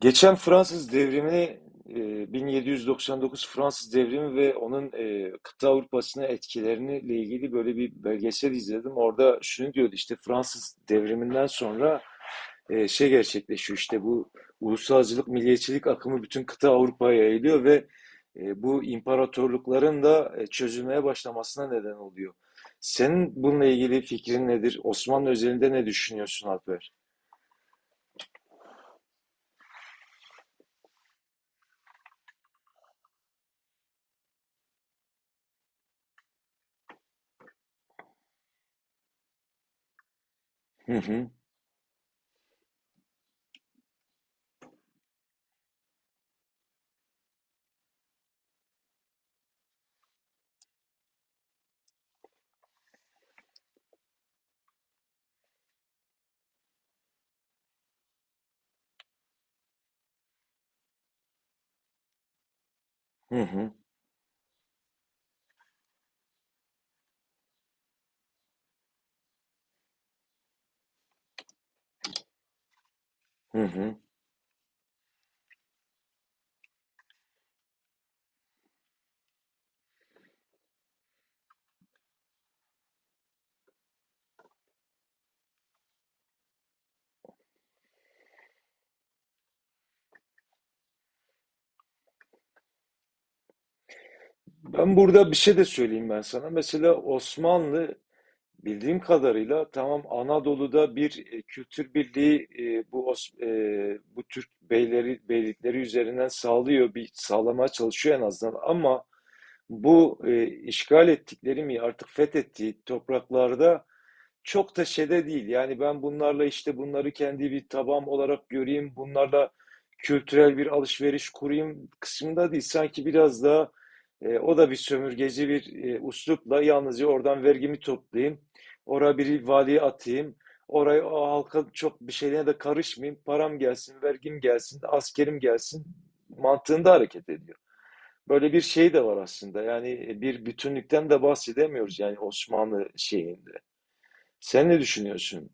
Geçen Fransız Devrimi, 1799 Fransız devrimi ve onun kıta Avrupa'sına etkilerini ilgili böyle bir belgesel izledim. Orada şunu diyordu işte Fransız devriminden sonra şey gerçekleşiyor işte bu ulusalcılık, milliyetçilik akımı bütün kıta Avrupa'ya yayılıyor ve bu imparatorlukların da çözülmeye başlamasına neden oluyor. Senin bununla ilgili fikrin nedir? Osmanlı özelinde ne düşünüyorsun Alper? Hı hı, hı hı, hı hı. Ben burada bir şey de söyleyeyim ben sana. Mesela Osmanlı bildiğim kadarıyla tamam Anadolu'da bir kültür birliği bu Türk beyleri beylikleri üzerinden sağlıyor, bir sağlamaya çalışıyor en azından ama bu işgal ettikleri mi artık fethettiği topraklarda çok da şeyde değil. Yani ben bunlarla işte bunları kendi bir tabağım olarak göreyim, bunlarla kültürel bir alışveriş kurayım kısmında değil. Sanki biraz daha o da bir sömürgeci bir üslupla yalnızca oradan vergimi toplayayım. Oraya bir valiye atayım. Oraya o halka çok bir şeylere de karışmayayım. Param gelsin, vergim gelsin, askerim gelsin mantığında hareket ediyor. Böyle bir şey de var aslında. Yani bir bütünlükten de bahsedemiyoruz yani Osmanlı şeyinde. Sen ne düşünüyorsun?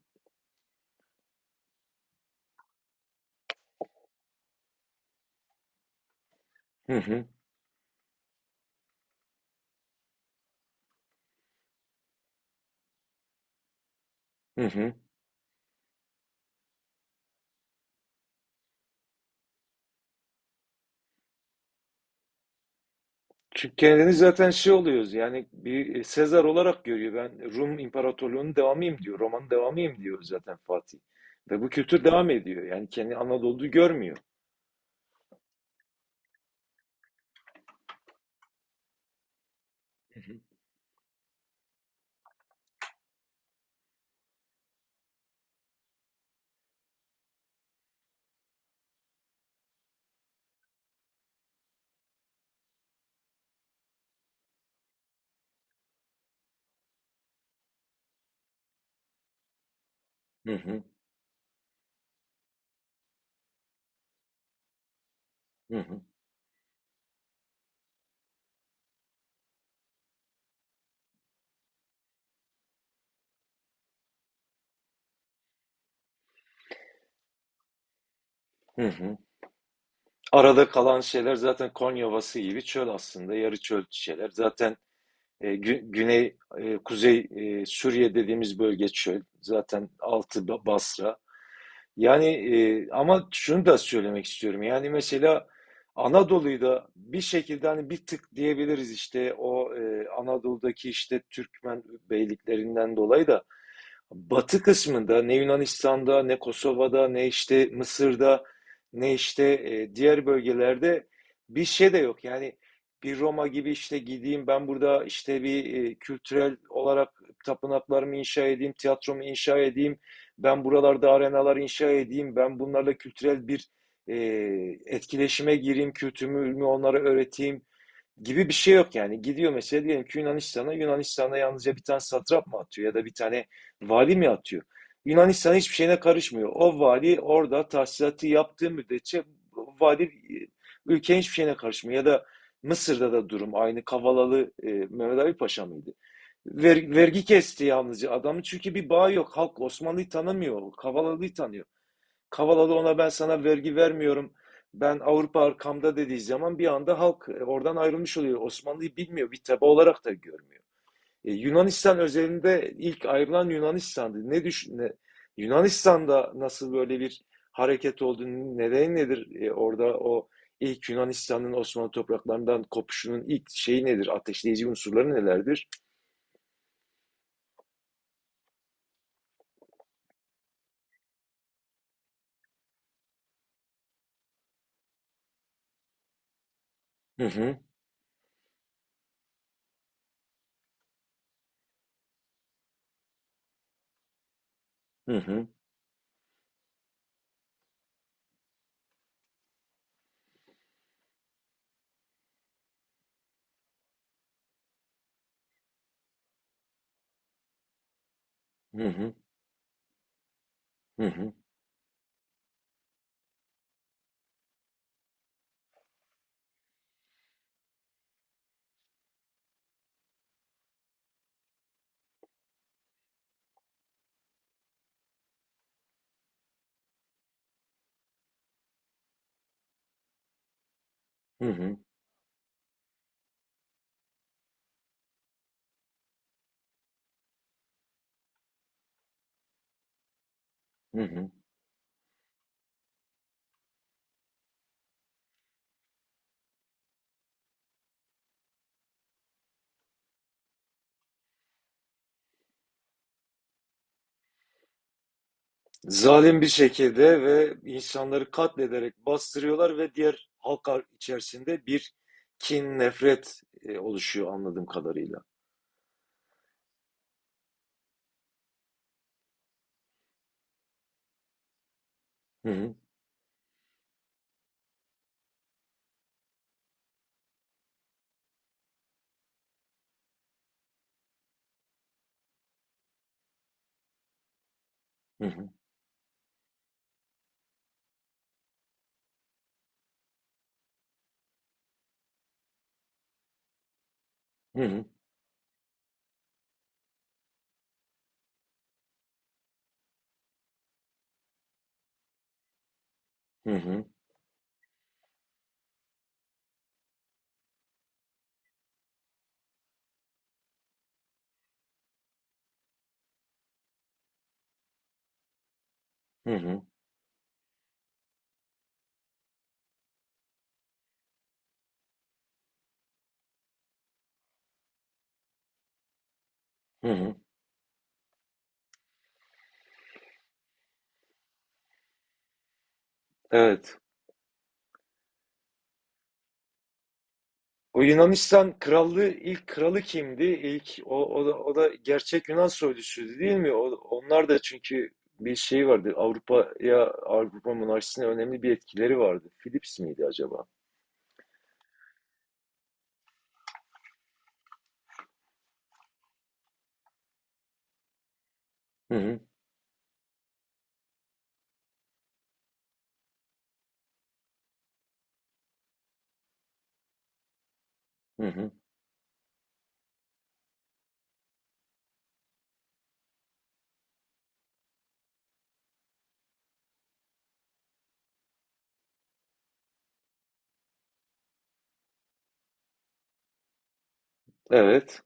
Hı hı, hı hı. Çünkü kendini zaten şey oluyoruz yani bir Sezar olarak görüyor. Ben Rum İmparatorluğu'nun devamıyım diyor. Roma'nın devamıyım diyor zaten Fatih. Ve bu kültür devam ediyor. Yani kendi Anadolu'yu görmüyor. Hı hı, hı hı, hı hı. Arada kalan şeyler zaten Konya Ovası gibi çöl aslında. Yarı çöl şeyler. Zaten güney, kuzey Suriye dediğimiz bölge çöl. Zaten altı Basra. Yani ama şunu da söylemek istiyorum. Yani mesela Anadolu'yu da bir şekilde hani bir tık diyebiliriz işte o Anadolu'daki işte Türkmen beyliklerinden dolayı da batı kısmında ne Yunanistan'da ne Kosova'da ne işte Mısır'da ne işte diğer bölgelerde bir şey de yok. Yani bir Roma gibi işte gideyim ben burada işte bir kültürel olarak tapınaklarımı inşa edeyim, tiyatromu inşa edeyim, ben buralarda arenalar inşa edeyim, ben bunlarla kültürel bir e, etkileşime gireyim, kültürümü onlara öğreteyim gibi bir şey yok yani. Gidiyor mesela diyelim ki Yunanistan'a, Yunanistan'a yalnızca bir tane satrap mı atıyor ya da bir tane vali mi atıyor? Yunanistan hiçbir şeyine karışmıyor. O vali orada tahsilatı yaptığı müddetçe vali ülkenin hiçbir şeyine karışmıyor. Ya da Mısır'da da durum aynı. Kavalalı Mehmet Ali Paşa mıydı? Vergi kesti yalnızca adamın çünkü bir bağı yok. Halk Osmanlı'yı tanımıyor. Kavalalı'yı tanıyor. Kavalalı ona ben sana vergi vermiyorum. Ben Avrupa arkamda dediği zaman bir anda halk oradan ayrılmış oluyor. Osmanlı'yı bilmiyor, bir taba olarak da görmüyor. Yunanistan özelinde ilk ayrılan Yunanistan'dı. Yunanistan'da nasıl böyle bir hareket olduğunu nedeni nedir? Orada o ilk Yunanistan'ın Osmanlı topraklarından kopuşunun ilk şeyi nedir? Ateşleyici unsurları nelerdir? Hı hı, hı hı, hı hı, hı hı, hı hı, hı hı. Zalim bir şekilde ve insanları katlederek bastırıyorlar ve diğer halklar içerisinde bir kin, nefret oluşuyor anladığım kadarıyla. Hı hı, hı hı, hı hı, hı hı, hı hı, hı hı. Evet. O Yunanistan krallığı ilk kralı kimdi? İlk o da, gerçek Yunan soyluydu değil mi? O, onlar da çünkü bir şey vardı. Avrupa'ya Avrupa monarşisine önemli bir etkileri vardı. Philips miydi acaba? Hı hı, hı hı. Evet.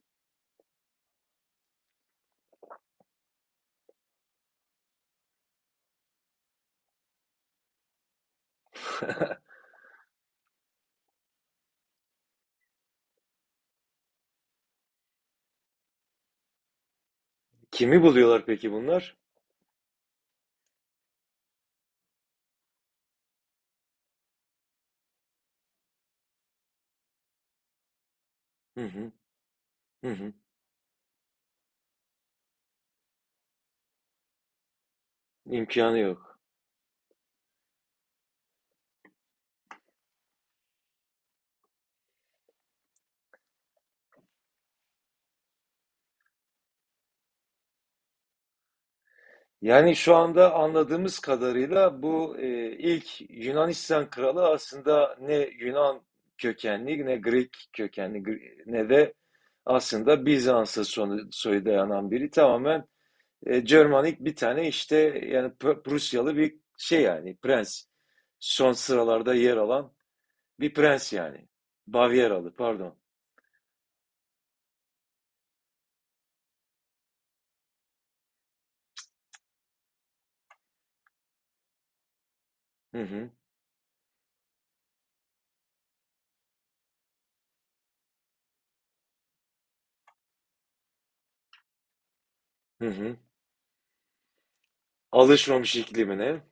Kimi buluyorlar peki bunlar? Hı hı, hı hı. İmkanı yok. Yani şu anda anladığımız kadarıyla bu ilk Yunanistan kralı aslında ne Yunan kökenli ne Grek kökenli ne de aslında Bizans'a soyu dayanan biri, tamamen Germanik bir tane işte yani Prusyalı bir şey yani prens. Son sıralarda yer alan bir prens yani. Bavyeralı pardon. Hı hı, hı hı. Alışmamış iklimine.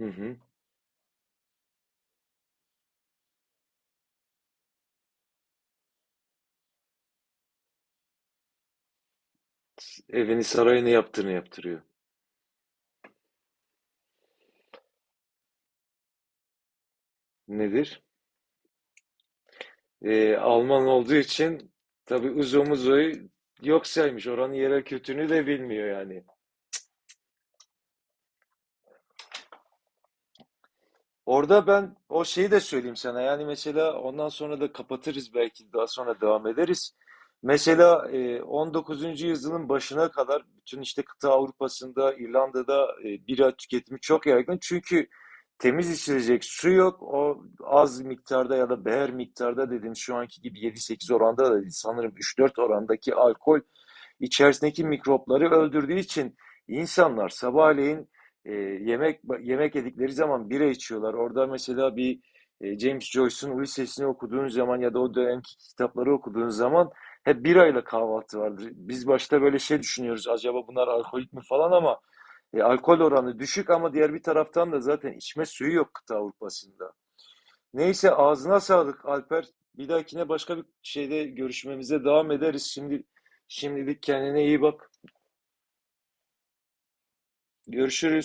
Hı hı. Evini sarayını yaptığını yaptırıyor. Nedir? Alman olduğu için tabii uzun uzoyu yok saymış. Oranın yerel kültürünü de bilmiyor yani. Orada ben o şeyi de söyleyeyim sana. Yani mesela ondan sonra da kapatırız belki daha sonra devam ederiz. Mesela 19. yüzyılın başına kadar bütün işte kıta Avrupa'sında, İrlanda'da bira tüketimi çok yaygın. Çünkü temiz içilecek su yok. O az miktarda ya da beher miktarda dedim şu anki gibi 7-8 oranda da değil. Sanırım 3-4 orandaki alkol içerisindeki mikropları öldürdüğü için insanlar sabahleyin yemek yedikleri zaman bira içiyorlar. Orada mesela bir James Joyce'un Ulysses'ini okuduğun zaman ya da o dönemki kitapları okuduğun zaman hep birayla kahvaltı vardır. Biz başta böyle şey düşünüyoruz acaba bunlar alkolik mi falan ama alkol oranı düşük ama diğer bir taraftan da zaten içme suyu yok kıta Avrupa'sında. Neyse ağzına sağlık Alper. Bir dahakine başka bir şeyde görüşmemize devam ederiz. Şimdi şimdilik kendine iyi bak. Görüşürüz.